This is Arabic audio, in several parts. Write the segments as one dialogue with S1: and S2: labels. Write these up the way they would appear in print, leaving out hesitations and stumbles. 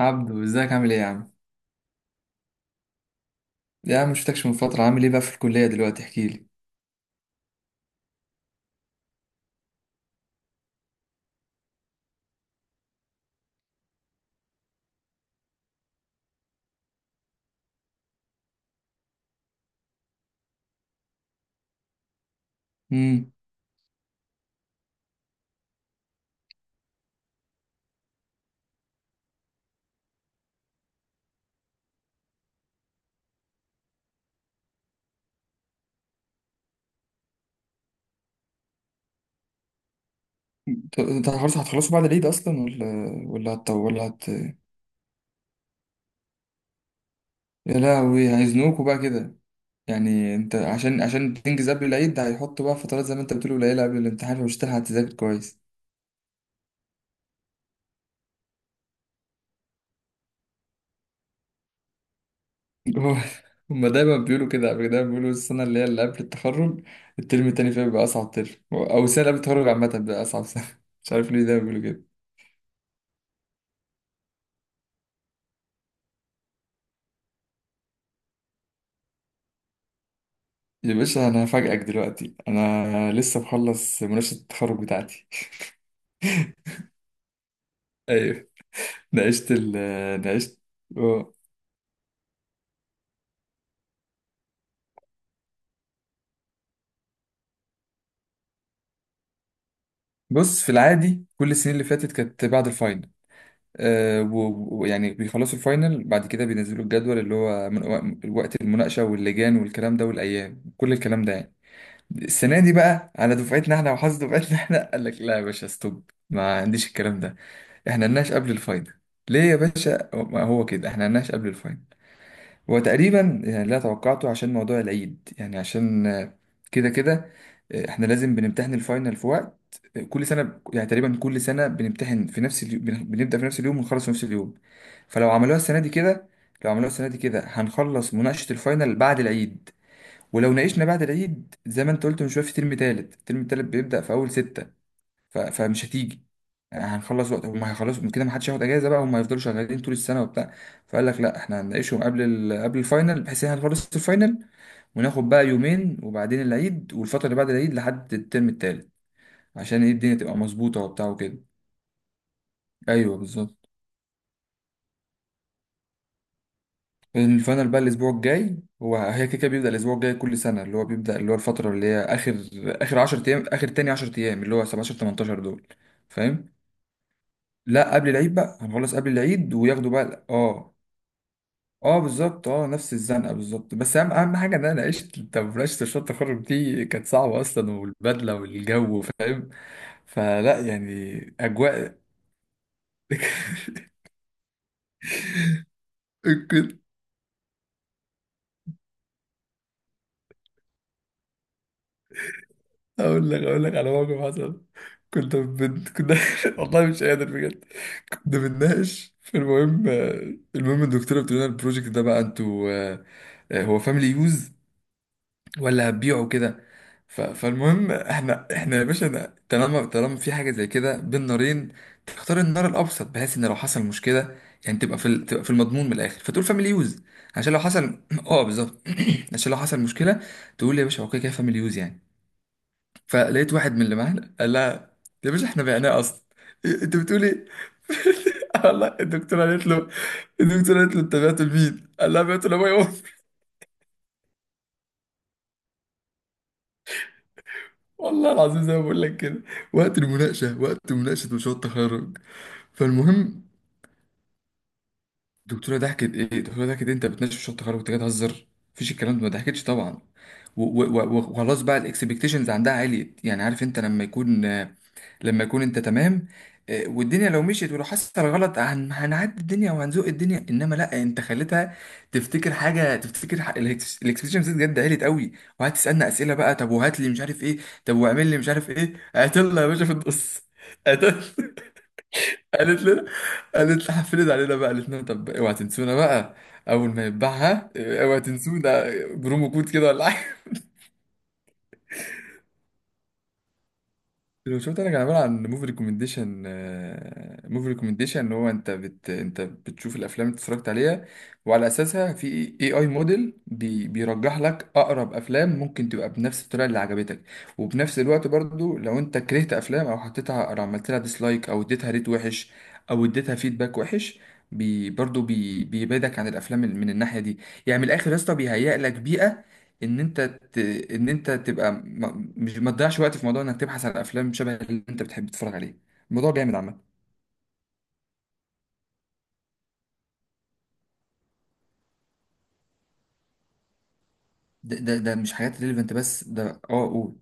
S1: عبدو، ازيك؟ عامل ايه يا عم؟ يا عم مشفتكش من فترة. عامل ايه بقى في الكلية دلوقتي؟ احكي لي. امم انت خلاص هتخلصوا بعد العيد اصلا ولا؟ يا لهوي، هيزنوكوا بقى كده؟ يعني انت عشان تنجز قبل العيد، ده هيحطوا بقى فترات زي ما انت بتقول قليلة قبل الامتحان ومش هتلحق تذاكر كويس. هو- هما دايما بيقولوا كده. قبل، دايما بيقولوا السنة اللي هي اللي قبل التخرج الترم التاني فيها بيبقى أصعب ترم، أو السنة اللي قبل التخرج عامة بيبقى أصعب سنة مش عارف ليه دايما بيقولوا كده. يا باشا انا هفاجئك دلوقتي، انا لسه مخلص مناقشه التخرج بتاعتي ايوه. ناقشت ال ناقشت. آه. بص، في العادي كل السنين اللي فاتت كانت بعد الفاينل. آه، و- ويعني بيخلصوا الفاينل، بعد كده بينزلوا الجدول اللي هو من وقت المناقشه واللجان والكلام ده والايام، كل الكلام ده يعني. السنه دي بقى على دفعتنا احنا، وحظ دفعتنا احنا، قال لك لا يا باشا، ستوب، ما عنديش الكلام ده، احنا نناقش قبل الفاينل. ليه يا باشا؟ ما هو كده احنا نناقش قبل الفاينل. هو تقريبا يعني اللي أنا توقعته عشان موضوع العيد، يعني عشان كده كده. احنا لازم بنمتحن الفاينل في وقت، كل سنة يعني، تقريبا كل سنة بنمتحن في نفس اليوم، بنبدأ في نفس اليوم ونخلص في نفس اليوم. فلو عملوها السنة دي كده، لو عملوها السنة دي كده هنخلص مناقشة الفاينل بعد العيد. ولو ناقشنا بعد العيد، زي ما انت قلت من شوية، في ترم تالت، الترم التالت بيبدأ في أول ستة. ف- فمش هتيجي. يعني هنخلص وقت هم هيخلصوا، من كده ما حدش هياخد اجازه بقى، هم هيفضلوا شغالين طول السنه وبتاع. فقال لك لا، احنا هنناقشهم قبل ال... قبل الفاينل، بحيث ان احنا نخلص الفاينل وناخد بقى يومين، وبعدين العيد، والفتره اللي بعد العيد لحد الترم التالت، عشان ايه الدنيا تبقى مظبوطه وبتاع وكده. ايوه بالظبط. الفاينل بقى الاسبوع الجاي، هو هي كده كده بيبدا الاسبوع الجاي كل سنه، اللي هو بيبدا اللي هو الفتره اللي هي اخر، اخر 10 ايام، اخر تاني 10 ايام، اللي هو 17 18 دول. فاهم. لا، قبل العيد بقى، هنخلص قبل العيد وياخدوا بقى، اه. اه بالظبط، اه نفس الزنقه بالظبط. بس اهم اهم حاجه ان انا عشت، انت مناقشه مشروع التخرج دي كانت صعبه اصلا، والبدله والجو، فاهم؟ فلا يعني اجواء. كنت اقول لك، اقول لك على موقف حصل. كنت بنت كنا والله مش قادر بجد. كنا بنناقش، فالمهم، المهم الدكتوره بتقول لنا البروجكت ده بقى انتوا هو فاميلي يوز ولا هتبيعه كده؟ ف... فالمهم احنا، احنا يا باشا طالما طالما في حاجه زي كده بين نارين تختار النار الابسط، بحيث ان لو حصل مشكله يعني تبقى في ال... تبقى في المضمون من الاخر، فتقول فاميلي يوز، عشان لو حصل اه بالظبط. عشان لو حصل مشكله تقول يا باشا اوكي كده فاميلي يوز يعني. فلقيت واحد من اللي معانا قال لها يا باشا احنا بعناه اصلا. انت بتقول ايه؟ والله الدكتوره قالت له، الدكتوره قالت له انت بعته لمين؟ قال لها بعته لابويا. والله العظيم زي ما بقول لك كده، وقت المناقشه، وقت مناقشه مشروع التخرج. فالمهم، الدكتوره ضحكت؟ ايه، الدكتوره ضحكت إيه؟ انت بتناقش مشروع التخرج، انت جاي تهزر؟ مفيش الكلام ده، ما ضحكتش طبعا. و- و- و- وخلاص بقى، الاكسبكتيشنز عندها عالية. يعني عارف انت لما يكون، لما يكون انت تمام، والدنيا لو مشيت ولو حصل غلط هنعدي الدنيا وهنزوق الدنيا، انما لا، انت خليتها تفتكر حاجه، تفتكر الاكسبكتيشنز بجد عليت قوي. وقعدت تسالنا اسئله بقى، طب وهات لي مش عارف ايه، طب واعمل لي مش عارف ايه، قاتلنا يا باشا في النص قاتلنا. قالت لنا، قالت لنا، حفلت علينا بقى، قالت لنا طب اوعى تنسونا بقى، اول ما يتباعها اوعى تنسونا، برومو كود كده ولا. لو شفت، انا كان عباره عن موفي ريكومنديشن. موفي ريكومنديشن اللي هو انت انت بتشوف الافلام اللي اتفرجت عليها، وعلى اساسها في اي اي موديل بيرجح لك اقرب افلام ممكن تبقى بنفس الطريقه اللي عجبتك. وفي نفس الوقت برضو، لو انت كرهت افلام او حطيتها او عملت لها ديسلايك او اديتها ريت وحش، او اديتها فيدباك وحش، بي برضو بيبعدك عن الافلام من الناحيه دي. يعني من الاخر يا اسطى، بيهيئ لك بيئه ان انت ت- ان انت تبقى مش ما تضيعش وقت في موضوع انك تبحث على افلام شبه اللي انت بتحب تتفرج عليه. الموضوع جامد عامه. ده مش حاجات ريليفنت، بس ده اه قول.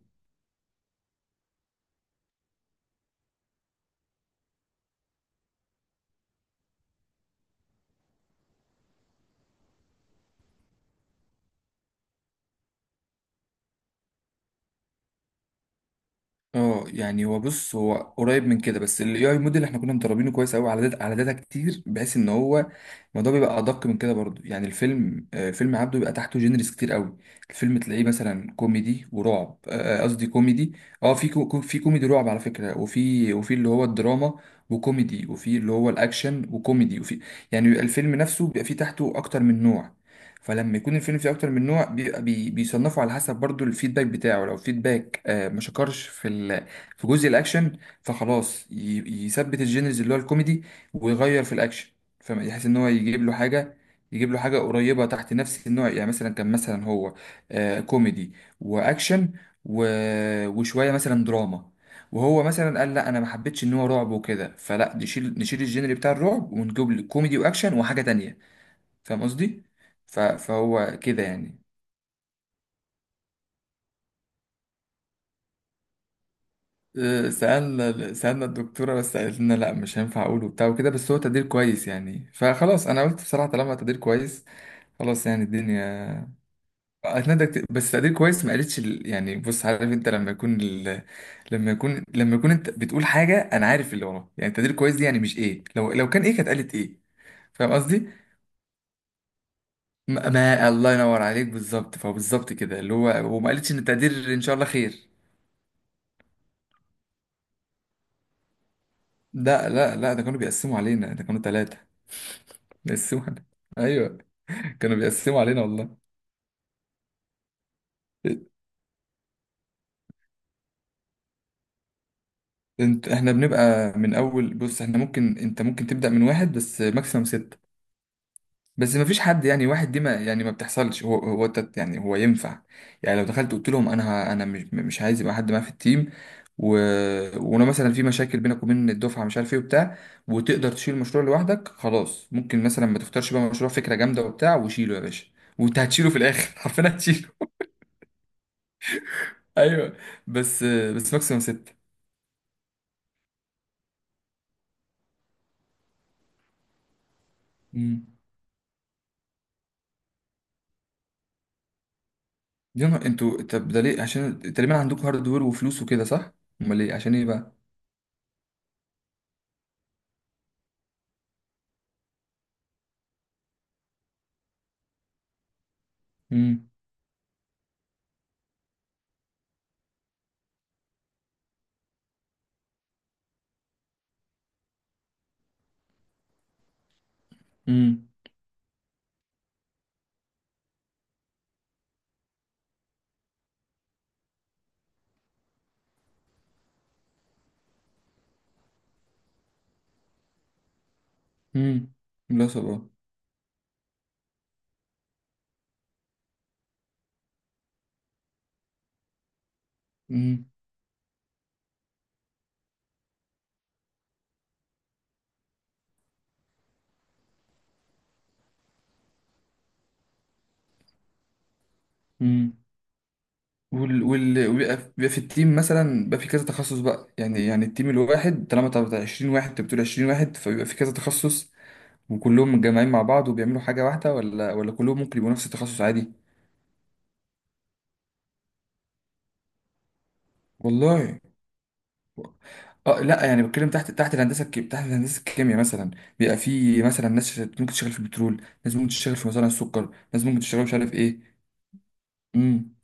S1: اه يعني هو، بص هو قريب من كده، بس الاي اي موديل احنا كنا مدربينه كويس قوي على داتا، على داتا كتير، بحيث ان هو الموضوع بيبقى ادق من كده برضو. يعني الفيلم، فيلم عبده بيبقى تحته جينرز كتير قوي. الفيلم تلاقيه مثلا كوميدي ورعب، قصدي كوميدي. اه في في كوميدي رعب على فكره، وفي وفي اللي هو الدراما وكوميدي، وفي اللي هو الاكشن وكوميدي، وفي، يعني بيبقى الفيلم نفسه بيبقى فيه تحته اكتر من نوع. فلما يكون الفيلم فيه اكتر من نوع، بيبقى بيصنفوا على حسب برضو الفيدباك بتاعه. لو فيدباك آه ما شكرش في ال، في جزء الاكشن، فخلاص يثبت الجينرز اللي هو الكوميدي، ويغير في الاكشن. فيحس ان هو يجيب له حاجه، يجيب له حاجه قريبه تحت نفس النوع. يعني مثلا كان مثلا هو آه كوميدي واكشن و... وشويه مثلا دراما، وهو مثلا قال لا، انا ما حبيتش ان هو رعب وكده، فلا نشيل، نشيل الجينري بتاع الرعب، ونجيب لك كوميدي واكشن وحاجه تانية. فاهم قصدي؟ ف- فهو كده يعني. سألنا، سألنا الدكتورة بس قالت لنا لا مش هينفع أقول وبتاع وكده، بس هو تقدير كويس يعني. فخلاص أنا قلت بصراحة طالما تقدير كويس، خلاص يعني الدنيا أتندك، بس تقدير كويس ما قالتش ال-. يعني بص، عارف أنت لما يكون ال...، لما يكون، لما يكون أنت بتقول حاجة أنا عارف اللي وراه. يعني تقدير كويس دي يعني مش إيه، لو لو كان إيه كانت قالت إيه. فاهم قصدي؟ ما الله ينور عليك، بالظبط، فبالظبط كده اللي هو، وما قالتش إن التقدير إن شاء الله خير. لا، ده كانوا بيقسموا علينا، ده كانوا ثلاثة بيقسموا علينا. ايوه، كانوا بيقسموا علينا والله. إيه، احنا بنبقى من اول. بص، احنا ممكن، انت ممكن تبدأ من واحد بس ماكسيمم ستة. بس ما فيش حد يعني، واحد دي ما يعني ما بتحصلش، يعني هو ينفع يعني لو دخلت قلت لهم انا، انا مش عايز يبقى حد معايا في التيم، و... وانا مثلا في مشاكل بينك وبين الدفعه مش عارف ايه وبتاع، وتقدر تشيل المشروع لوحدك، خلاص ممكن مثلا ما تختارش بقى مشروع فكره جامده وبتاع، وشيله يا باشا، وانت هتشيله في الاخر حرفيا هتشيله. ايوه، بس ماكسيموم سته. امم. يا نهار، انتوا طب ده ليه؟ عشان تقريبا عندكم هاردوير وفلوس وكده، صح؟ امال ليه؟ عشان ايه بقى؟ امم، امم، امم. لا صبر. مم. مم. وال وال وبيبقى، بيبقى في التيم مثلا بيبقى في كذا تخصص بقى، يعني يعني التيم الواحد طالما بتاع 20 واحد، انت بتقول 20 واحد، فبيبقى في كذا تخصص، وكلهم متجمعين مع بعض وبيعملوا حاجة واحدة، ولا كلهم ممكن يبقوا نفس التخصص عادي؟ والله. اه، لا يعني بتكلم تحت، تحت هندسة الكيمياء مثلا، بيبقى في مثلا ناس ممكن تشتغل في البترول، ناس ممكن تشتغل في مصانع السكر، ناس ممكن تشتغل مش عارف ايه. امم.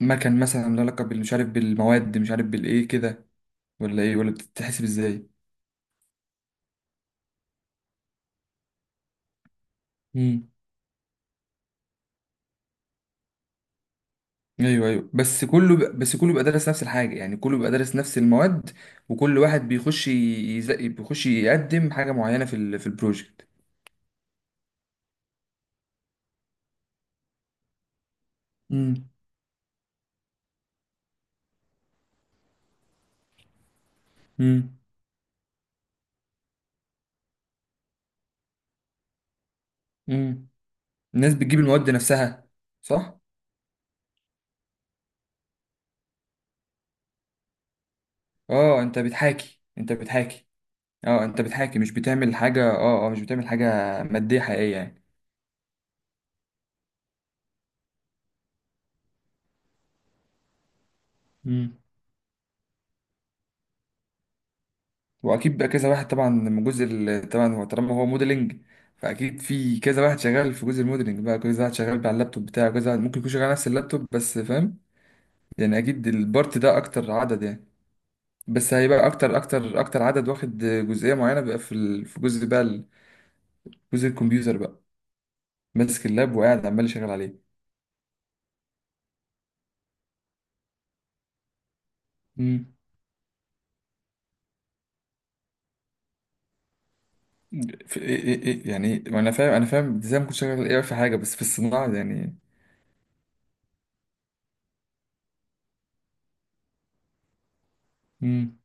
S1: مكن مثلا له علاقة بال- مش عارف بالمواد، مش عارف بالايه كده، ولا ايه، ولا بتتحسب ازاي. ايوه ايوه، بس كله ب...، بس كله بيبقى دارس نفس الحاجه، يعني كله بيبقى دارس نفس المواد. وكل واحد بيخش بيخش يقدم حاجه معينه في ال... في البروجكت. امم، امم، امم. الناس بتجيب المواد نفسها، صح؟ اه، انت بتحاكي. اه انت بتحاكي، مش بتعمل حاجه، اه اه مش بتعمل حاجه ماديه حقيقيه يعني. واكيد بقى كذا واحد طبعا من جزء ال-، طبعا هو طالما هو موديلنج، فاكيد في كذا واحد شغال في جزء الموديلنج بقى، كذا واحد شغال على اللابتوب بتاعه، كذا واحد ممكن يكون شغال على نفس اللابتوب بس، فاهم؟ يعني اكيد البارت ده اكتر عدد يعني، بس هيبقى اكتر عدد واخد جزئيه معينه بقى في ال-، في جزء بقى ال-، جزء الكمبيوتر بقى، ماسك اللاب وقاعد عمال يشغل عليه. امم. في إيه؟ يعني ما انا فاهم، انا فاهم ازاي ممكن شغال ايه في حاجه، بس في الصناعه يعني. امم،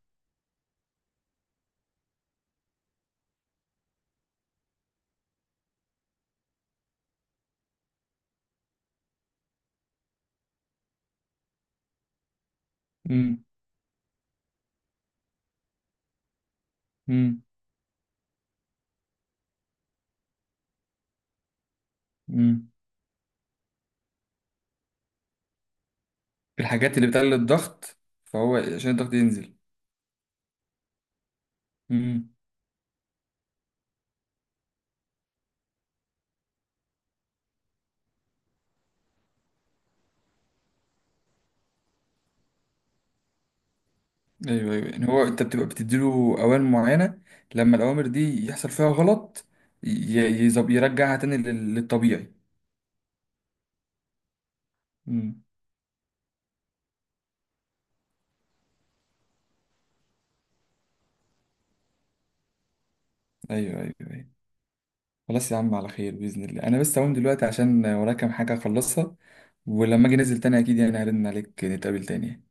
S1: امم، امم. الحاجات اللي بتقلل الضغط، فهو عشان الضغط ينزل. امم. ايوه ايوه، يعني هو انت بتبقى بتديله اوامر معينه، لما الاوامر دي يحصل فيها غلط ي- يظب- يرجعها تاني لل-، للطبيعي. امم. ايوه ايوه ايوه. خلاص يا عم، على خير باذن الله، انا بس هقوم دلوقتي عشان ورايا كام حاجه اخلصها، ولما اجي انزل تاني اكيد يعني هرن عليك، نتقابل تاني.